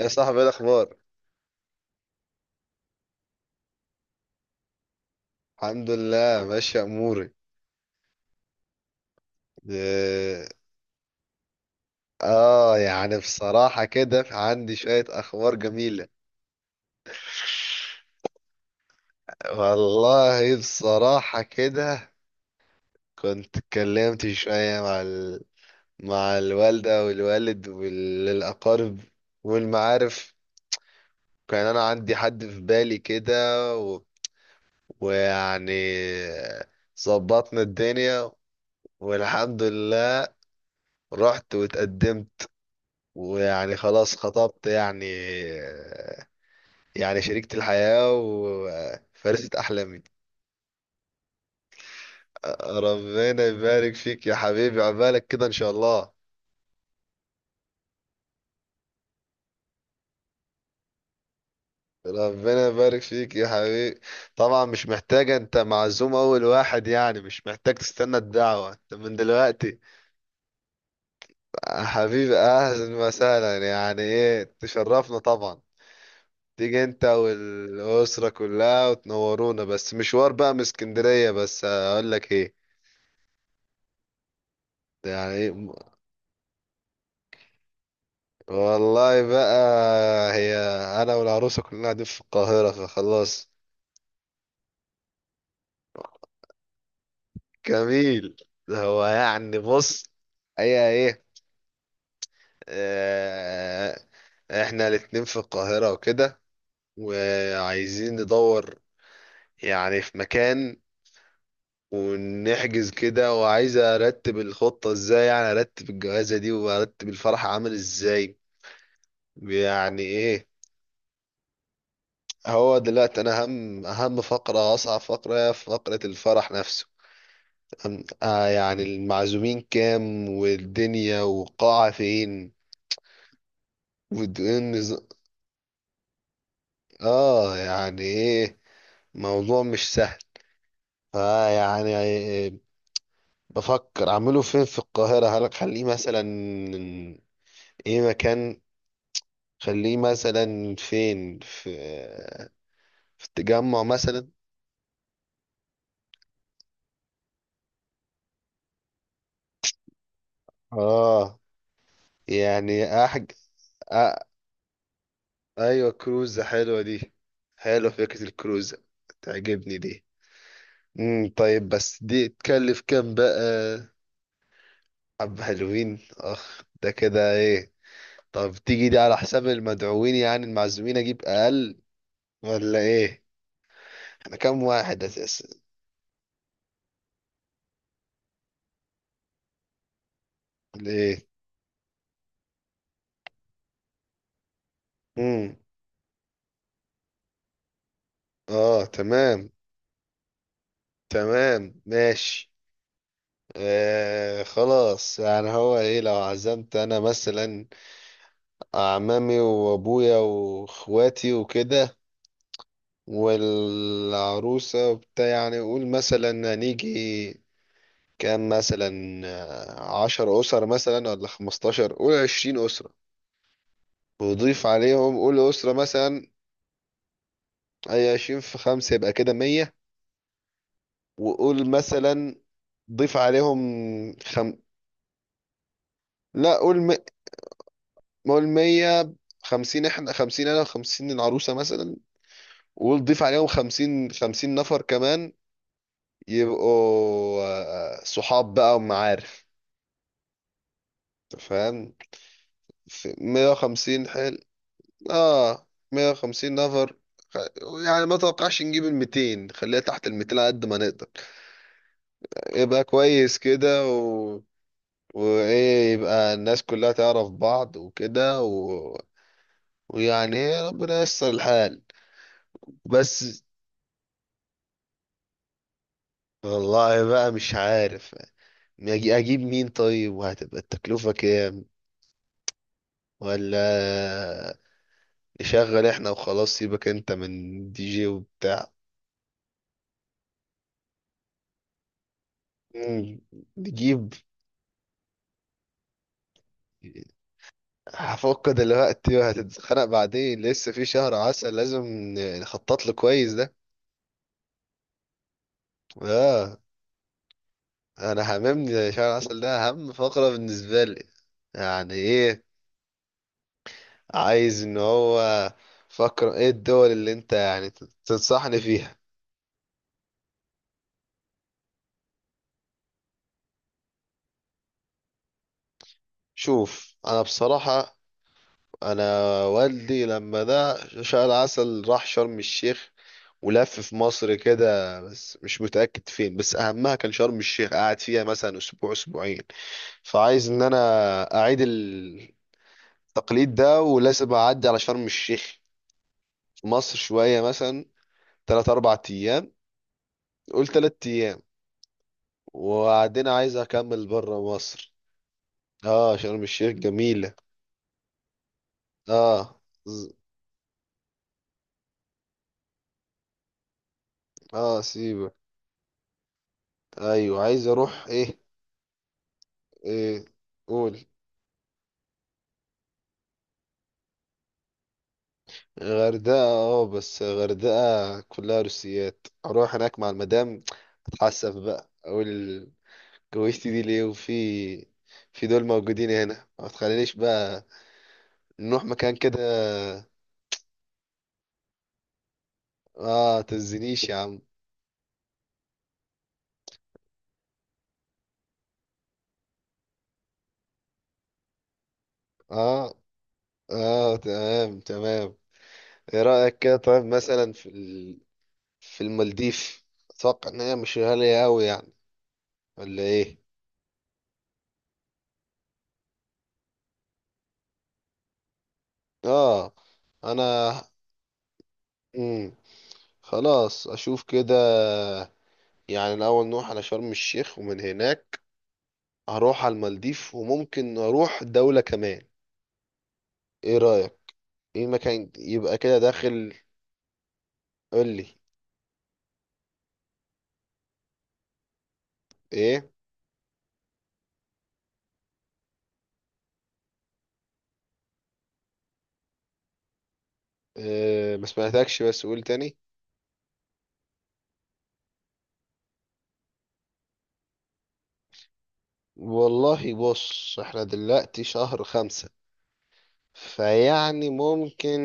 يا صاحبي، ايه الاخبار؟ الحمد لله ماشي اموري. إيه، اه يعني بصراحة كده عندي شوية اخبار جميلة. والله بصراحة كده كنت اتكلمت شوية مع مع الوالدة والوالد والأقارب والمعارف. كان أنا عندي حد في بالي كده و... ويعني ظبطنا الدنيا والحمد لله. رحت واتقدمت ويعني خلاص خطبت يعني، يعني شريكة الحياة وفارسة أحلامي. ربنا يبارك فيك يا حبيبي، عبالك كده إن شاء الله. ربنا يبارك فيك يا حبيبي. طبعا مش محتاجة، انت معزوم اول واحد، يعني مش محتاج تستنى الدعوة انت من دلوقتي. حبيبي اهلا وسهلا، يعني ايه، تشرفنا طبعا. تيجي انت والاسرة كلها وتنورونا، بس مشوار بقى من اسكندرية. بس اقول لك ايه، ده يعني والله بقى هي، انا والعروسه كلنا قاعدين في القاهره فخلاص. جميل. ده هو يعني بص، هي ايه، آه، احنا الاتنين في القاهره وكده، وعايزين ندور يعني في مكان ونحجز كده. وعايز ارتب الخطه ازاي، يعني ارتب الجوازه دي وارتب الفرح عامل ازاي. يعني ايه؟ هو دلوقتي انا اهم فقره، اصعب فقره هي فقره الفرح نفسه. يعني المعزومين كام، والدنيا والقاعة فين. والدقن. اه يعني ايه، موضوع مش سهل. فيعني بفكر اعمله فين في القاهرة، هل اخليه مثلا ايه مكان، خليه مثلا فين في التجمع مثلا. اه يعني آه ايوه، كروزة حلوة دي. حلوة فكرة الكروزة، تعجبني دي. طيب بس دي تكلف كام بقى؟ حبة حلوين. اخ ده كده ايه. طب تيجي دي على حساب المدعوين، يعني المعزومين اجيب اقل ولا ايه؟ احنا كام واحد اساسا؟ ولا ايه. امم. اه تمام. تمام ماشي. آه خلاص، يعني هو ايه، لو عزمت انا مثلا اعمامي وابويا واخواتي وكده والعروسة وبتاع، يعني قول مثلا هنيجي كام مثلا. آه، عشر أسر مثلا ولا خمستاشر، قول عشرين أسرة. وضيف عليهم قول أسرة مثلا. أي عشرين في خمسة يبقى كده مية. وقول مثلا ضيف عليهم خم... لا قول م... قول مية. خمسين احنا، خمسين أنا وخمسين العروسة مثلا. وقول ضيف عليهم خمسين، خمسين نفر كمان. يبقوا آه، صحاب بقى ومعارف، أنت فاهم. في مية وخمسين، حلو، اه 150 نفر. خ- يعني ما توقعش نجيب ال 200، خليها تحت ال 200 على قد ما نقدر. يبقى كويس كده وايه، يبقى الناس كلها تعرف بعض وكده ويعني إيه، ربنا ييسر الحال. بس والله بقى مش عارف، اجيب مين طيب، وهتبقى التكلفة كام؟ ولا نشغل احنا وخلاص، سيبك انت من دي جي وبتاع. مم، نجيب. هفك دلوقتي وهتتخانق بعدين، لسه في شهر عسل لازم نخطط له كويس ده. اه، انا هممني شهر عسل ده اهم فقرة بالنسبة لي. يعني ايه، عايز ان هو فقرة ايه الدول اللي انت يعني تنصحني فيها. شوف انا بصراحة، انا والدي لما ده شال عسل راح شرم الشيخ ولف في مصر كده بس مش متأكد فين، بس اهمها كان شرم الشيخ، قعد فيها مثلا اسبوع اسبوعين. فعايز ان انا اعيد التقليد ده، ولازم اعدي على شرم الشيخ في مصر شوية، مثلا تلات اربع ايام. قول تلات ايام. وبعدين عايز اكمل برا مصر. اه شرم الشيخ جميلة. اه. ز- اه سيبك. ايوه عايز اروح ايه. ايه قول. غردقة، اه بس غردقة كلها روسيات، اروح هناك مع المدام اتحسف بقى، اقول جوزتي دي ليه وفي في دول موجودين هنا. ما تخلينيش بقى نروح مكان كده. اه تزنيش يا عم. اه. اه تمام تمام. ايه رأيك كده طيب مثلا في في المالديف؟ اتوقع ان هي مش غالية اوي يعني، ولا ايه؟ اه انا. مم. خلاص اشوف كده، يعني الأول نروح على شرم الشيخ، ومن هناك هروح على المالديف، وممكن أروح دولة كمان. إيه رأيك؟ إيه مكان يبقى كده داخل. قولي. إيه؟ إيه آه، ما سمعتكش بس قول تاني. والله بص احنا دلوقتي شهر خمسة، فيعني ممكن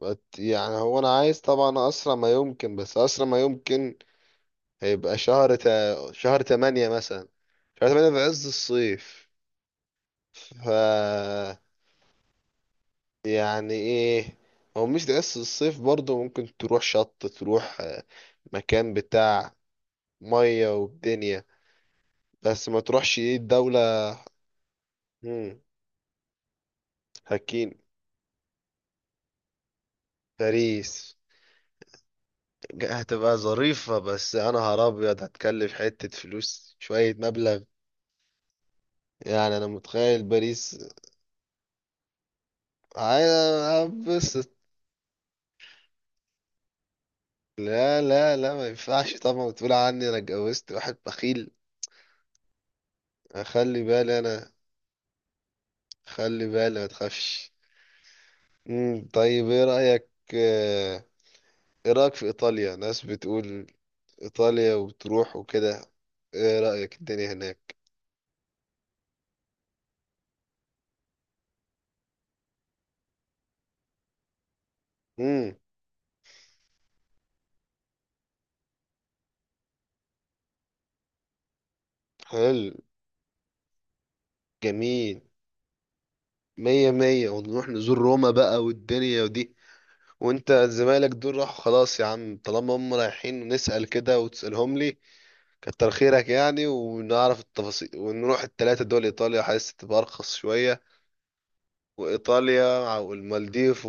يعني هو أنا عايز طبعا أسرع ما يمكن. بس أسرع ما يمكن هيبقى شهر تمانية مثلا، شهر تمانية في عز الصيف. ف، يعني ايه، هو مش بس الصيف برضه ممكن تروح شط، تروح آه، مكان بتاع مية والدنيا. بس ما تروحش ايه الدولة. مم. هكين باريس. هتبقى ظريفة، بس يا نهار أبيض هتكلف حتة فلوس، شوية مبلغ يعني. أنا متخيل باريس. عايز بس لا لا لا، ما ينفعش طبعا تقول عني أنا اتجوزت واحد بخيل. خلي بالي أنا، خلي بالي، ما تخافش. مم. طيب ايه رأيك آه، ايه رأيك في ايطاليا؟ ناس بتقول ايطاليا وبتروح وكده. ايه رأيك الدنيا هناك؟ امم. حلو. جميل. مية مية، ونروح نزور روما بقى والدنيا ودي. وانت زمايلك دول راحوا خلاص يا عم، طالما هم رايحين نسأل كده، وتسألهم لي، كتر خيرك يعني، ونعرف التفاصيل، ونروح التلاتة دول. ايطاليا حاسس تبقى ارخص شوية، وايطاليا والمالديف،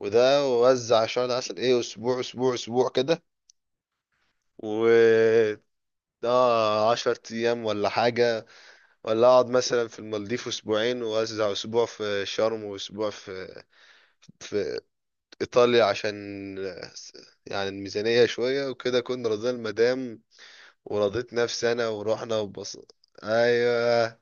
وده وزع شهر العسل ايه، اسبوع اسبوع اسبوع كده. و اه عشر ايام ولا حاجة. ولا اقعد مثلا في المالديف اسبوعين، واوزع اسبوع في شرم واسبوع في ايطاليا، عشان يعني الميزانية شوية وكده، كنا راضيين المدام ورضيت نفسي انا ورحنا وبص. ايوه.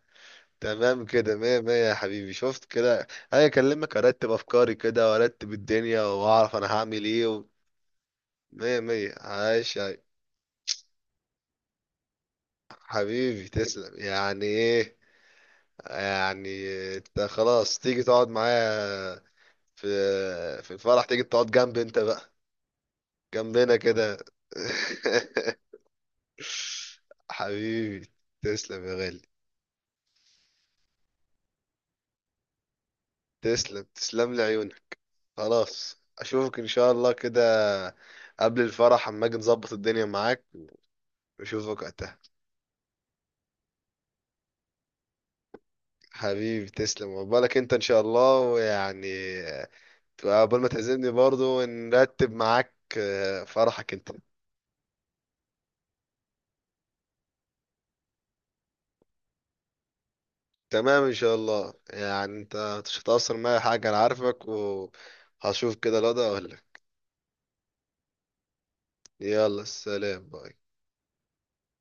تمام كده، مية مية يا حبيبي. شفت كده؟ انا اكلمك ارتب افكاري كده وارتب الدنيا واعرف انا هعمل ايه مية مية عايش. حبيبي تسلم، يعني ايه يعني. انت خلاص تيجي تقعد معايا في في الفرح، تيجي تقعد جنب، انت بقى جنبنا كده. حبيبي تسلم يا غالي. تسلم تسلم لي عيونك. خلاص اشوفك ان شاء الله كده قبل الفرح، اما اجي نظبط الدنيا معاك، واشوفك وقتها. حبيبي تسلم وبالك انت ان شاء الله، ويعني قبل ما تعزمني برضو نرتب معاك آه، فرحك انت. تمام ان شاء الله. يعني انت مش هتأثر معايا حاجة، انا عارفك وهشوف كده الوضع ولا. يلا سلام باي.